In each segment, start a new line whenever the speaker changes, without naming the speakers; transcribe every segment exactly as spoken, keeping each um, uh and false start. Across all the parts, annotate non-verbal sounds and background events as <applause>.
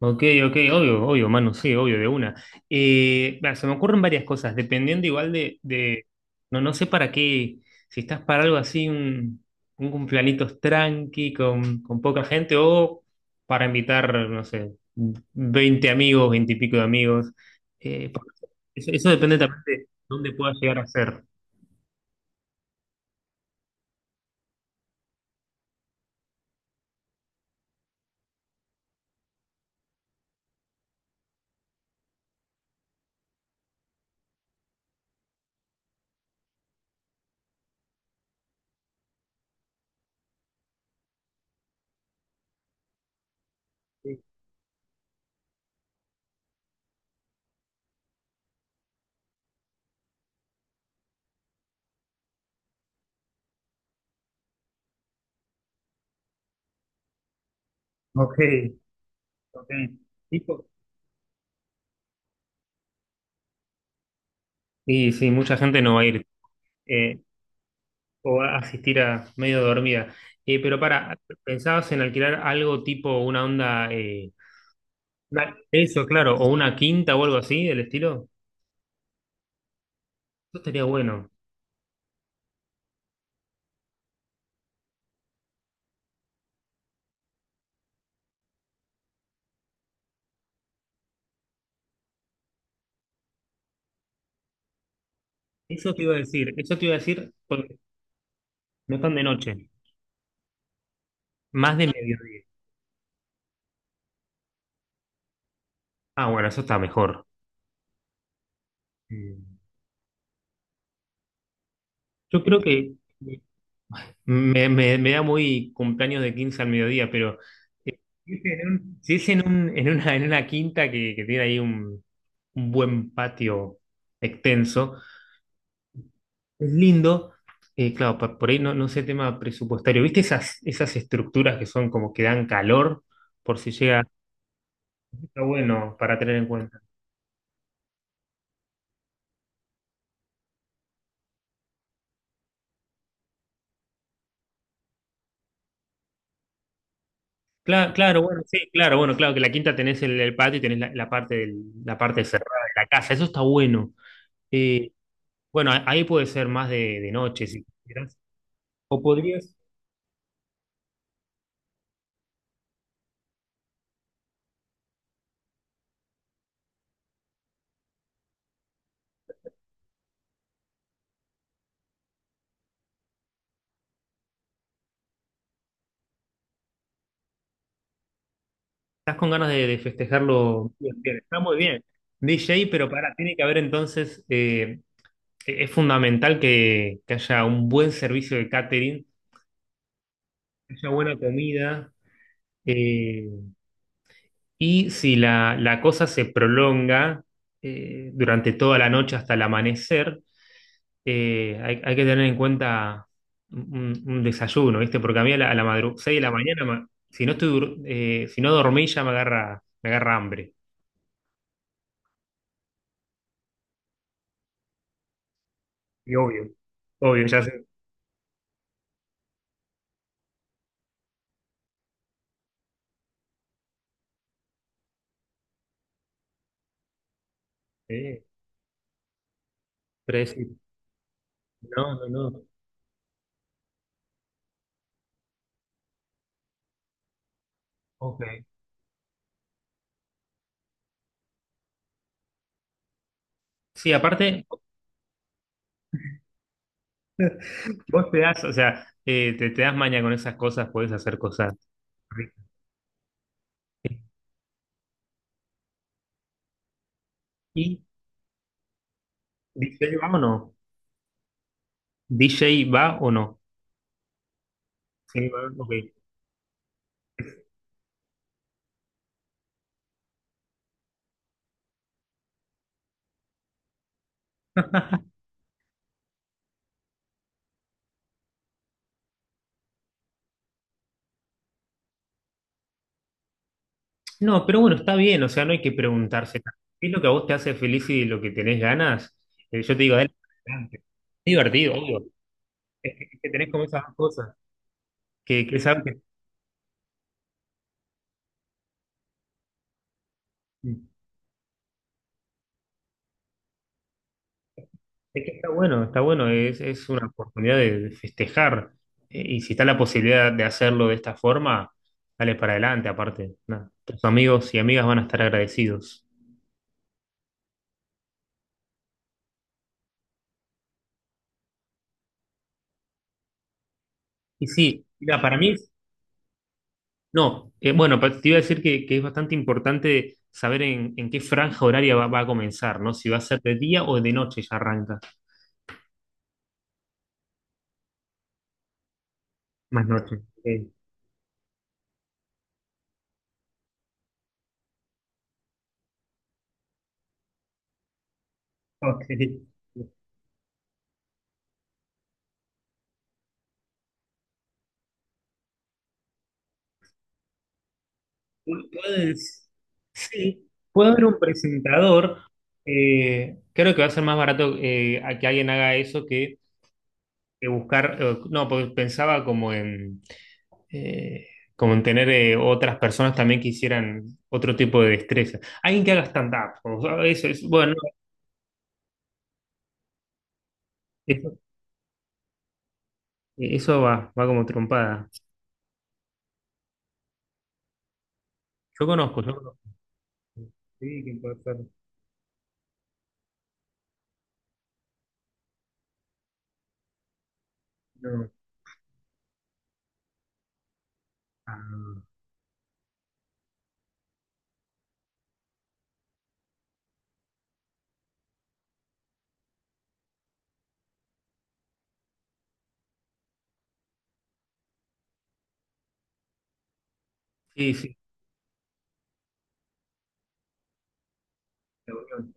Ok, ok, obvio, obvio, mano, sí, obvio, de una. Eh, va, se me ocurren varias cosas, dependiendo igual de, de- no, no sé para qué, si estás para algo así, un, un cumpleañitos tranqui, con, con poca gente, o para invitar, no sé, veinte amigos, veinte y pico de amigos. Eh, porque eso, eso depende también de dónde puedas llegar a ser. Ok, ok. Tipo, sí, sí, mucha gente no va a ir. Eh, O a- asistir a medio dormida. Eh, pero para, ¿pensabas en alquilar algo tipo una onda, eh, una- eso, claro, o una quinta o algo así del estilo? Eso estaría bueno. Eso te iba a decir, eso te iba a decir porque no están de noche, más de mediodía. Ah, bueno, eso está mejor. Mm. Yo creo que me, me- me da muy cumpleaños de quince al mediodía, pero eh, si es en un- si es en un- en una, en una quinta que, que tiene ahí un un buen patio extenso. Es lindo. Eh, claro, pa- por ahí no, no sé tema presupuestario. ¿Viste esas, esas estructuras que son como que dan calor por si llega? Está bueno para tener en cuenta. Claro, claro, bueno, sí, claro, bueno, claro, que la quinta tenés el, el patio y tenés la, la parte del- la parte cerrada de la casa. Eso está bueno. Eh, bueno, a- ahí puede ser más de, de noche, si quieras. O podrías, estás con ganas de, de festejarlo. Bien, bien, está muy bien. D J, pero para tiene que haber entonces eh, Eh, es fundamental que, que haya un buen servicio de catering, que haya buena comida, eh, y si la, la cosa se prolonga eh, durante toda la noche hasta el amanecer, eh, hay, hay que tener en cuenta un, un desayuno, ¿viste? Porque a mí a la, madrugada, seis de la mañana, ma- si no estoy, dur- eh, si no dormí ya me agarra, me agarra hambre. Y obvio, obvio, ya sé. Eh, pero decir, no, no, no. Ok. Sí, aparte. Vos te das, o sea, eh, te, te das maña con esas cosas, podés hacer cosas ricas. ¿Y D J va o no? ¿D J va o no? Sí, va, ok. <laughs> No, pero bueno, está bien, o sea, no hay que preguntarse tanto. ¿Qué es lo que a vos te hace feliz y lo que tenés ganas? Eh, yo te digo, dale, para adelante. Es divertido, obvio. Es que, es que tenés como esas dos cosas, que, que sabes que es que está bueno, está bueno, es, es una oportunidad de, de festejar. Eh, Y si está la posibilidad de hacerlo de esta forma, dale para adelante, aparte, nada, tus amigos y amigas van a estar agradecidos. Y sí, mira, para mí, es- no, eh, bueno, pa- te iba a decir que, que es bastante importante saber en, en qué franja horaria va, va a comenzar, ¿no? Si va a ser de día o de noche ya arranca. Más noche. Ok. Ok. Uno puede decir- sí, puede haber un presentador. Eh, creo que va a ser más barato eh, a que alguien haga eso que, que buscar. Eh, no, porque pensaba como en, eh, como en tener eh, otras personas también que hicieran otro tipo de destreza. Alguien que haga stand-up. O sea, eso es, bueno, eso, eso va, va como trompada. Yo conozco, yo conozco. Sí, ¿quién puede ser? No, ah, sí, sí. La unión.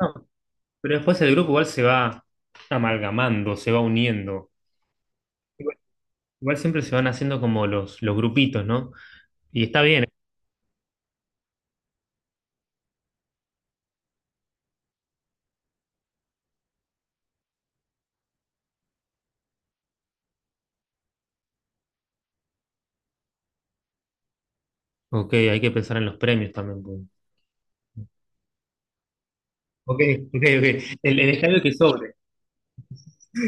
No, pero después el grupo igual se va amalgamando, se va uniendo. Igual, igual siempre se van haciendo como los, los grupitos, ¿no? Y está bien. Ok, hay que pensar en los premios también, pues. Ok, <laughs> ok, ok. El, el estadio que sobre.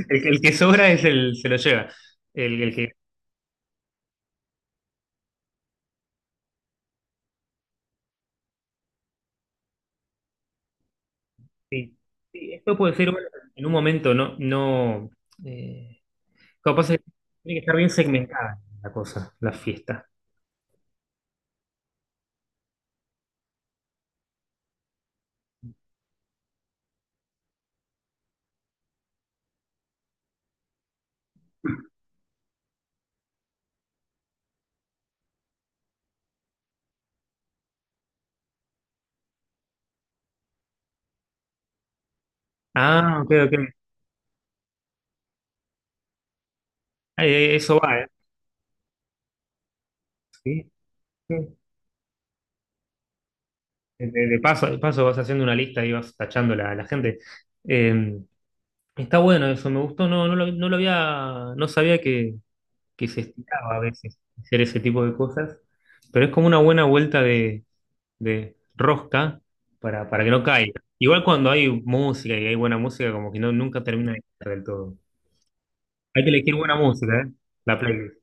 El, que el que sobra es el, se lo lleva. El, el que. Sí. Sí, esto puede ser bueno, en un momento, no, no. eh, Capaz es- tiene que estar bien segmentada la cosa, la fiesta. Ah, ok, ok. Eh, Eso va, ¿eh? Sí. Sí. De, de paso, de paso vas haciendo una lista y vas tachando la, la gente. Eh, Está bueno eso, me gustó, no, no lo, no lo había, no sabía que, que se estiraba a veces hacer ese tipo de cosas, pero es como una buena vuelta de, de rosca para, para que no caiga. Igual cuando hay música y hay buena música, como que no, nunca termina de caer del todo. Hay que elegir buena música, ¿eh? La playlist.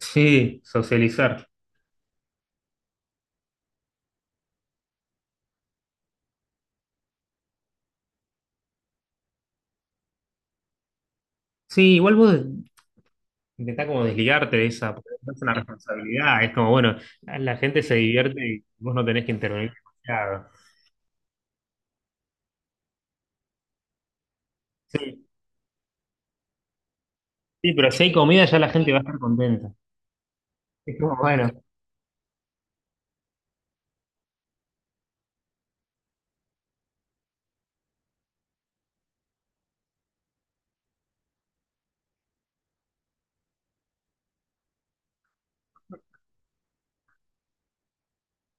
Sí, socializar. Sí, igual vos intenta como desligarte de esa, porque no es una responsabilidad. Es como, bueno, la, la gente se divierte y vos no tenés que intervenir demasiado. Sí, sí, pero si hay comida ya la gente va a estar contenta. Es como, bueno,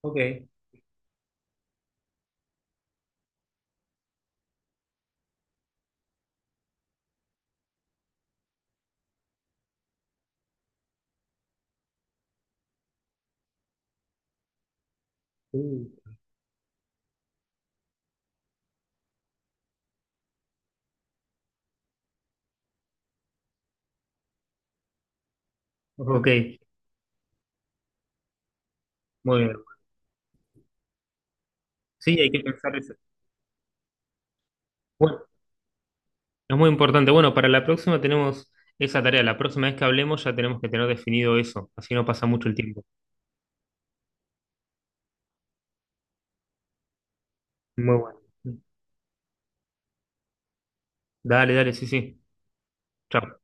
ok, sí, ok, muy bien. Sí, hay que pensar eso. Bueno, es muy importante. Bueno, para la próxima tenemos esa tarea. La próxima vez que hablemos ya tenemos que tener definido eso. Así no pasa mucho el tiempo. Muy bueno. Dale, dale, sí, sí. Chao.